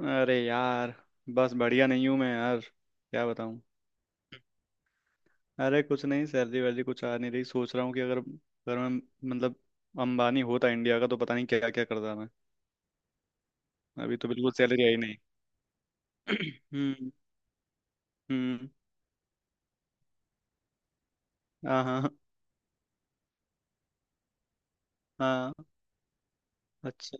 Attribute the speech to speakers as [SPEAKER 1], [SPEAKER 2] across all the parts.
[SPEAKER 1] अरे यार। बस बढ़िया नहीं हूँ मैं यार, क्या बताऊँ? अरे कुछ नहीं, सैलरी वैलरी कुछ आ नहीं रही। सोच रहा हूँ कि अगर अगर मैं, मतलब, अंबानी होता इंडिया का तो पता नहीं क्या क्या करता मैं। अभी तो बिल्कुल सैलरी आई नहीं। हम्म। हम्म। हाँ, हाँ। हाँ। अच्छा।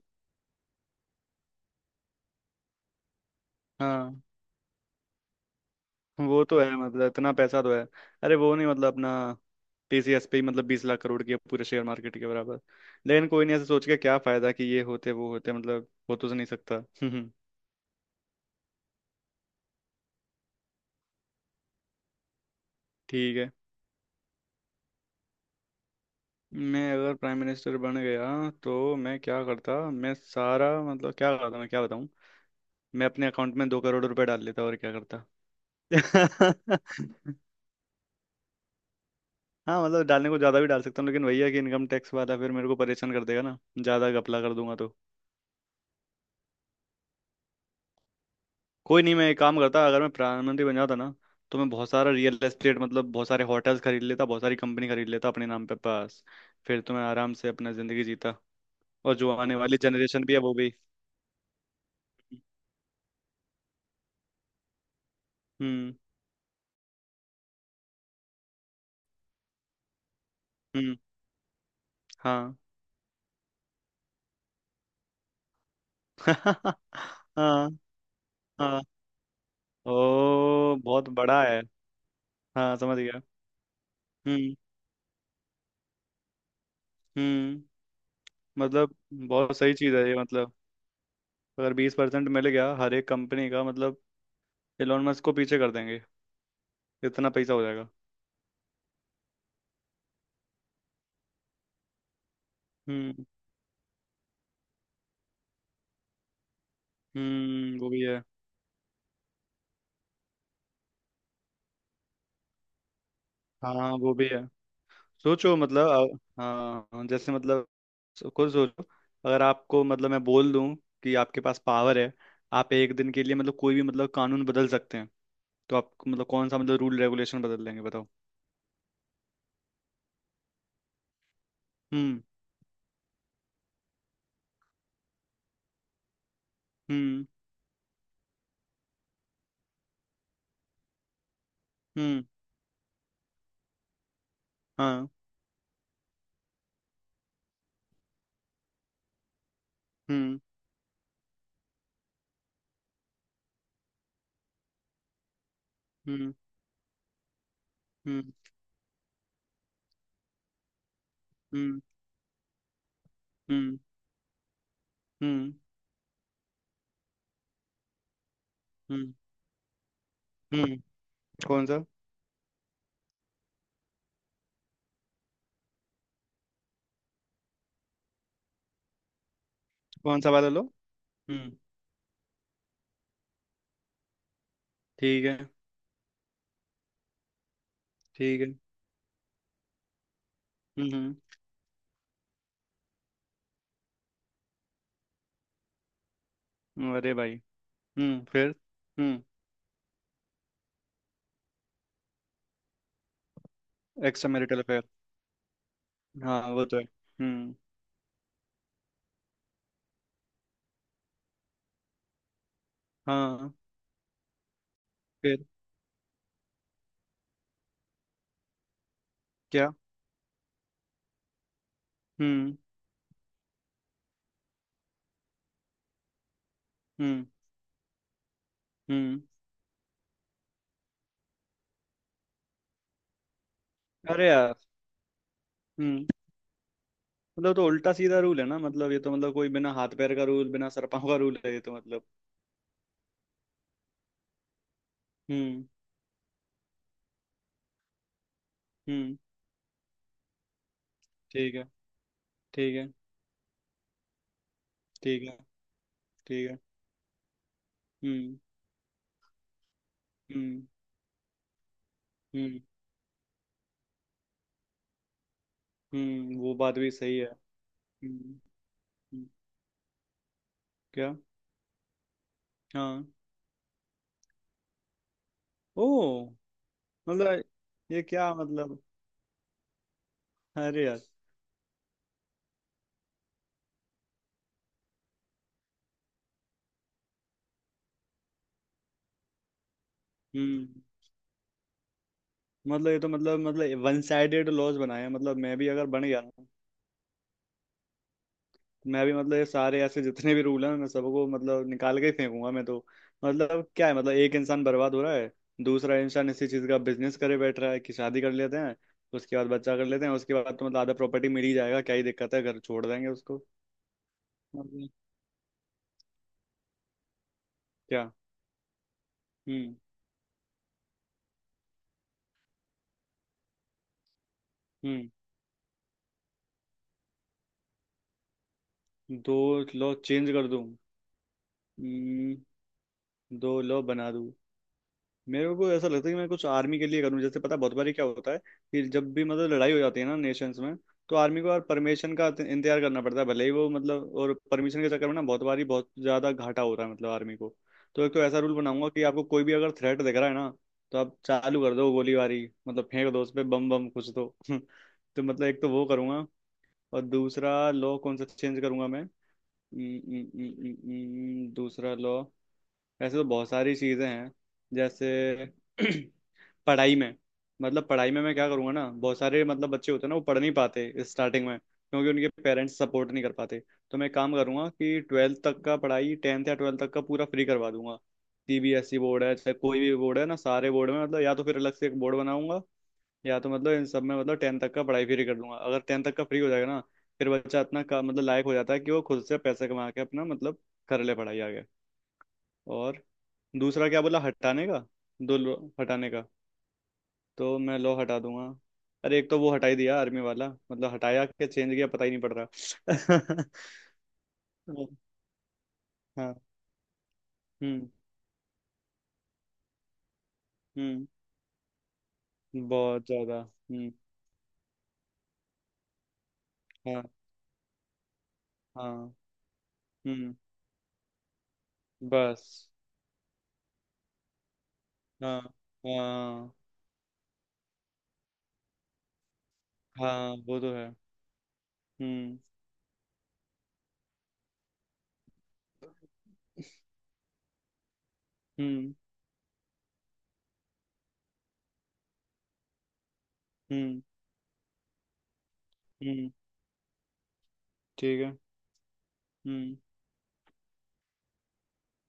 [SPEAKER 1] हाँ वो तो है, मतलब इतना पैसा तो है। अरे वो नहीं, मतलब अपना टीसीएस पे ही मतलब 20 लाख करोड़ की है, पूरे शेयर मार्केट के बराबर। लेकिन कोई नहीं, ऐसे सोच के क्या फायदा कि ये होते वो होते, मतलब हो तो नहीं सकता। ठीक है। मैं अगर प्राइम मिनिस्टर बन गया तो मैं क्या करता? मैं सारा, मतलब क्या करता, मैं क्या बताऊँ। मैं अपने अकाउंट में 2 करोड़ रुपए डाल लेता, और क्या करता। हाँ, मतलब डालने को ज़्यादा भी डाल सकता हूँ लेकिन वही है कि इनकम टैक्स वाला फिर मेरे को परेशान कर देगा ना, ज़्यादा घपला कर दूंगा तो। कोई नहीं, मैं एक काम करता अगर मैं प्रधानमंत्री बन जाता ना, तो मैं बहुत सारा रियल एस्टेट, मतलब बहुत सारे होटल्स खरीद लेता, बहुत सारी कंपनी खरीद लेता अपने नाम पे पास। फिर तो मैं आराम से अपना ज़िंदगी जीता। और जो आने वाली जनरेशन भी है वो भी। हम्म। हम्म। हाँ। हाँ, हाँ। ओ, बहुत बड़ा है। हाँ, समझ गया। हम्म। हम्म। मतलब बहुत सही चीज है ये, मतलब अगर 20% मिल गया हर एक कंपनी का मतलब, एलोन मस्क को पीछे कर देंगे, इतना पैसा हो जाएगा। हम्म। हम्म, वो भी है। हाँ वो भी है। सोचो मतलब हाँ, जैसे मतलब खुद सोचो। अगर आपको, मतलब मैं बोल दूं कि आपके पास पावर है, आप एक दिन के लिए, मतलब कोई भी, मतलब कानून बदल सकते हैं, तो आप मतलब कौन सा, मतलब रूल रेगुलेशन बदल लेंगे बताओ। हम्म। हम्म। हम्म। हाँ। हम्म। हम्म। हम्म। हम्म। हम्म। हम्म। हम्म। हम्म। कौन सा वाला लो? हम्म। ठीक है। ठीक है। हम्म। अरे भाई। हम्म, फिर? हम्म। Extra marital affair. हाँ वो तो है। हम्म। हाँ। फिर क्या? हम्म। हम्म। हम्म, अरे यार। हम्म। मतलब तो उल्टा सीधा रूल है ना, मतलब ये तो मतलब कोई बिना हाथ पैर का रूल, बिना सर पाँव का रूल है ये तो मतलब। हम्म। हम्म। ठीक है। ठीक है। ठीक है। ठीक है। हम्म। हम्म। हम्म। वो बात भी सही है। हम्म। हम्म। क्या? हाँ। ओ। मतलब ये क्या मतलब? अरे यार। हम्म। मतलब ये तो मतलब वन साइडेड लॉज बनाए हैं, मतलब मैं भी अगर बन गया ना तो मैं भी, मतलब ये सारे ऐसे जितने भी रूल हैं मैं सबको मतलब निकाल के ही फेंकूंगा मैं तो। मतलब क्या है, मतलब एक इंसान बर्बाद हो रहा है, दूसरा इंसान इसी चीज का बिजनेस करे बैठ रहा है कि शादी कर लेते हैं, उसके बाद बच्चा कर लेते हैं, उसके बाद तो मतलब आधा प्रॉपर्टी मिल ही जाएगा, क्या ही दिक्कत है, घर छोड़ देंगे उसको। मतलब क्या? हम्म। हम्म। दो लो चेंज कर दूं। हम्म। दो लो बना दूं। मेरे को ऐसा लगता है कि मैं कुछ आर्मी के लिए करूं। जैसे पता है बहुत बारी क्या होता है कि जब भी मतलब लड़ाई हो जाती है ना नेशंस में, तो आर्मी को यार परमिशन का इंतजार करना पड़ता है, भले ही वो मतलब, और परमिशन के चक्कर में ना बहुत बारी बहुत ज्यादा घाटा हो रहा है मतलब आर्मी को। तो एक तो ऐसा रूल बनाऊंगा कि आपको कोई भी अगर थ्रेट दिख रहा है ना, तो आप चालू कर दो गोलीबारी, मतलब फेंक दो उस पे बम, बम कुछ तो। तो मतलब एक तो वो करूंगा। और दूसरा लॉ कौन सा चेंज करूंगा मैं? हम्म। हम्म। हम्म। हम्म। हम्म। दूसरा लॉ। ऐसे तो बहुत सारी चीज़ें हैं। जैसे पढ़ाई में, मतलब पढ़ाई में मैं क्या करूँगा ना, बहुत सारे मतलब बच्चे होते हैं ना वो पढ़ नहीं पाते स्टार्टिंग में क्योंकि उनके पेरेंट्स सपोर्ट नहीं कर पाते। तो मैं काम करूँगा कि ट्वेल्थ तक का पढ़ाई, टेंथ या ट्वेल्थ तक का पूरा फ्री करवा दूंगा। सीबीएसई बोर्ड है चाहे कोई भी बोर्ड है ना, सारे बोर्ड में मतलब, या तो फिर अलग से एक बोर्ड बनाऊंगा, या तो मतलब इन सब में, मतलब टेंथ तक का पढ़ाई फ्री कर दूंगा। अगर टेंथ तक का फ्री हो जाएगा ना, फिर बच्चा इतना का मतलब लायक हो जाता है कि वो खुद से पैसे कमा के अपना मतलब कर ले पढ़ाई आगे। और दूसरा क्या बोला हटाने का, दो लो हटाने का? तो मैं लो हटा दूंगा। अरे एक तो वो हटाई दिया आर्मी वाला, मतलब हटाया कि चेंज किया पता ही नहीं पड़ रहा। हाँ। हम्म। हम्म। बहुत ज्यादा। हम्म। हाँ। हाँ। हम्म। बस। हाँ। हाँ। हाँ वो तो है। हम्म। हम्म। हम्म। हम्म। ठीक है। हम्म।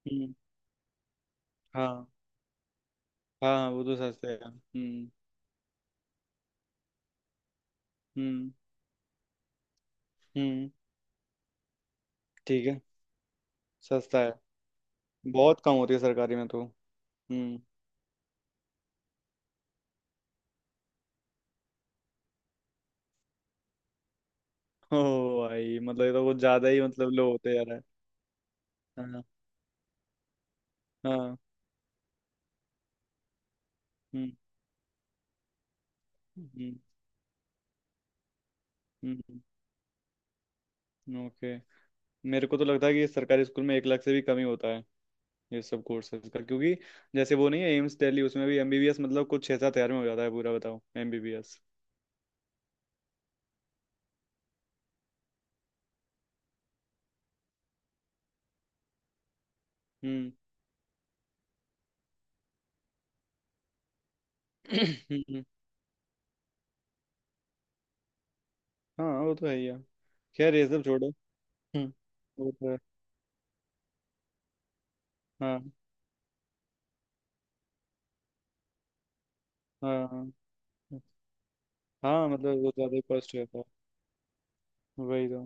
[SPEAKER 1] हम्म। हाँ। हाँ वो तो सस्ता है। हम्म। हम्म। हम्म। ठीक है। सस्ता है। बहुत कम होती है सरकारी में तो। हम्म। ओ, भाई मतलब ये तो कुछ ज्यादा ही मतलब लो होते जा रहा है। हाँ। हाँ। हम्म। हम्म। हम्म। ओके। मेरे को तो लगता है कि सरकारी स्कूल में 1 लाख से भी कम ही होता है, ये सब कोर्सेज का क्योंकि जैसे वो नहीं है एम्स दिल्ली, उसमें भी एमबीबीएस मतलब कुछ 6-7 हज़ार में हो जाता है पूरा, बताओ एमबीबीएस। हम्म। हम्म। हाँ वो तो है ही है। खैर ये सब छोड़ो। हम्म। वो तो। हाँ। हाँ। हाँ। हाँ मतलब वो ज़्यादा ही कॉस्ट रहता है, वही तो।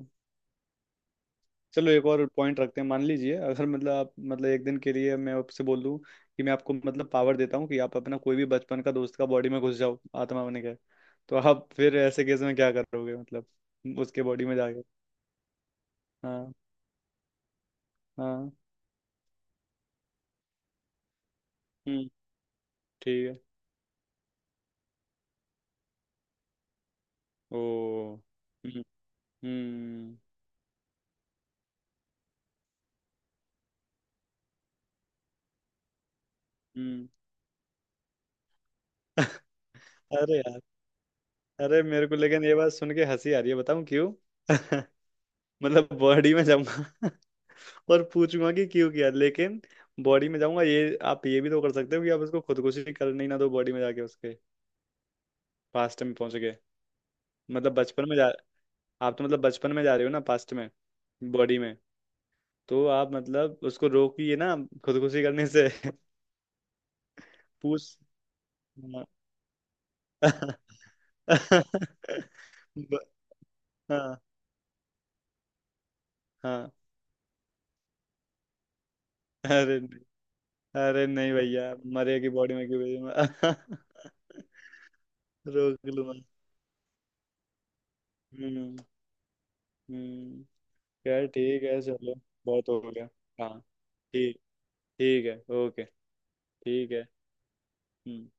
[SPEAKER 1] चलो एक और पॉइंट रखते हैं। मान लीजिए अगर मतलब आप, मतलब एक दिन के लिए मैं आपसे बोल दूं कि मैं आपको मतलब पावर देता हूँ कि आप अपना कोई भी बचपन का दोस्त का बॉडी में घुस जाओ आत्मा बन के, तो आप फिर ऐसे केस में क्या करोगे मतलब उसके बॉडी में जाके। हाँ। हाँ। हम्म। ठीक है। ओ। हम्म। हम्म। हम्म। अरे यार। अरे मेरे को लेकिन ये बात सुन के हंसी आ रही है, बताऊं क्यों? मतलब बॉडी में जाऊंगा और पूछूंगा कि क्यों किया, लेकिन बॉडी में जाऊंगा, ये आप ये भी तो कर सकते हो कि आप उसको खुदकुशी करने ही ना दो, बॉडी में जाके उसके पास्ट में पहुंच के। मतलब बचपन में जा आप तो मतलब बचपन में जा रहे हो ना पास्ट में, बॉडी में। तो आप मतलब उसको रोकिए ना खुदकुशी करने से। पूछ। हाँ। ब- हाँ। हाँ। अरे नहीं। अरे नहीं भैया, मरेगी बॉडी में क्यों भेजूंगा? रोक लूंगा। हम्म। हम्म। यार ठीक है चलो। बहुत हो गया। हाँ। ठीक। ठीक है। ओके। ठीक है। हम्म।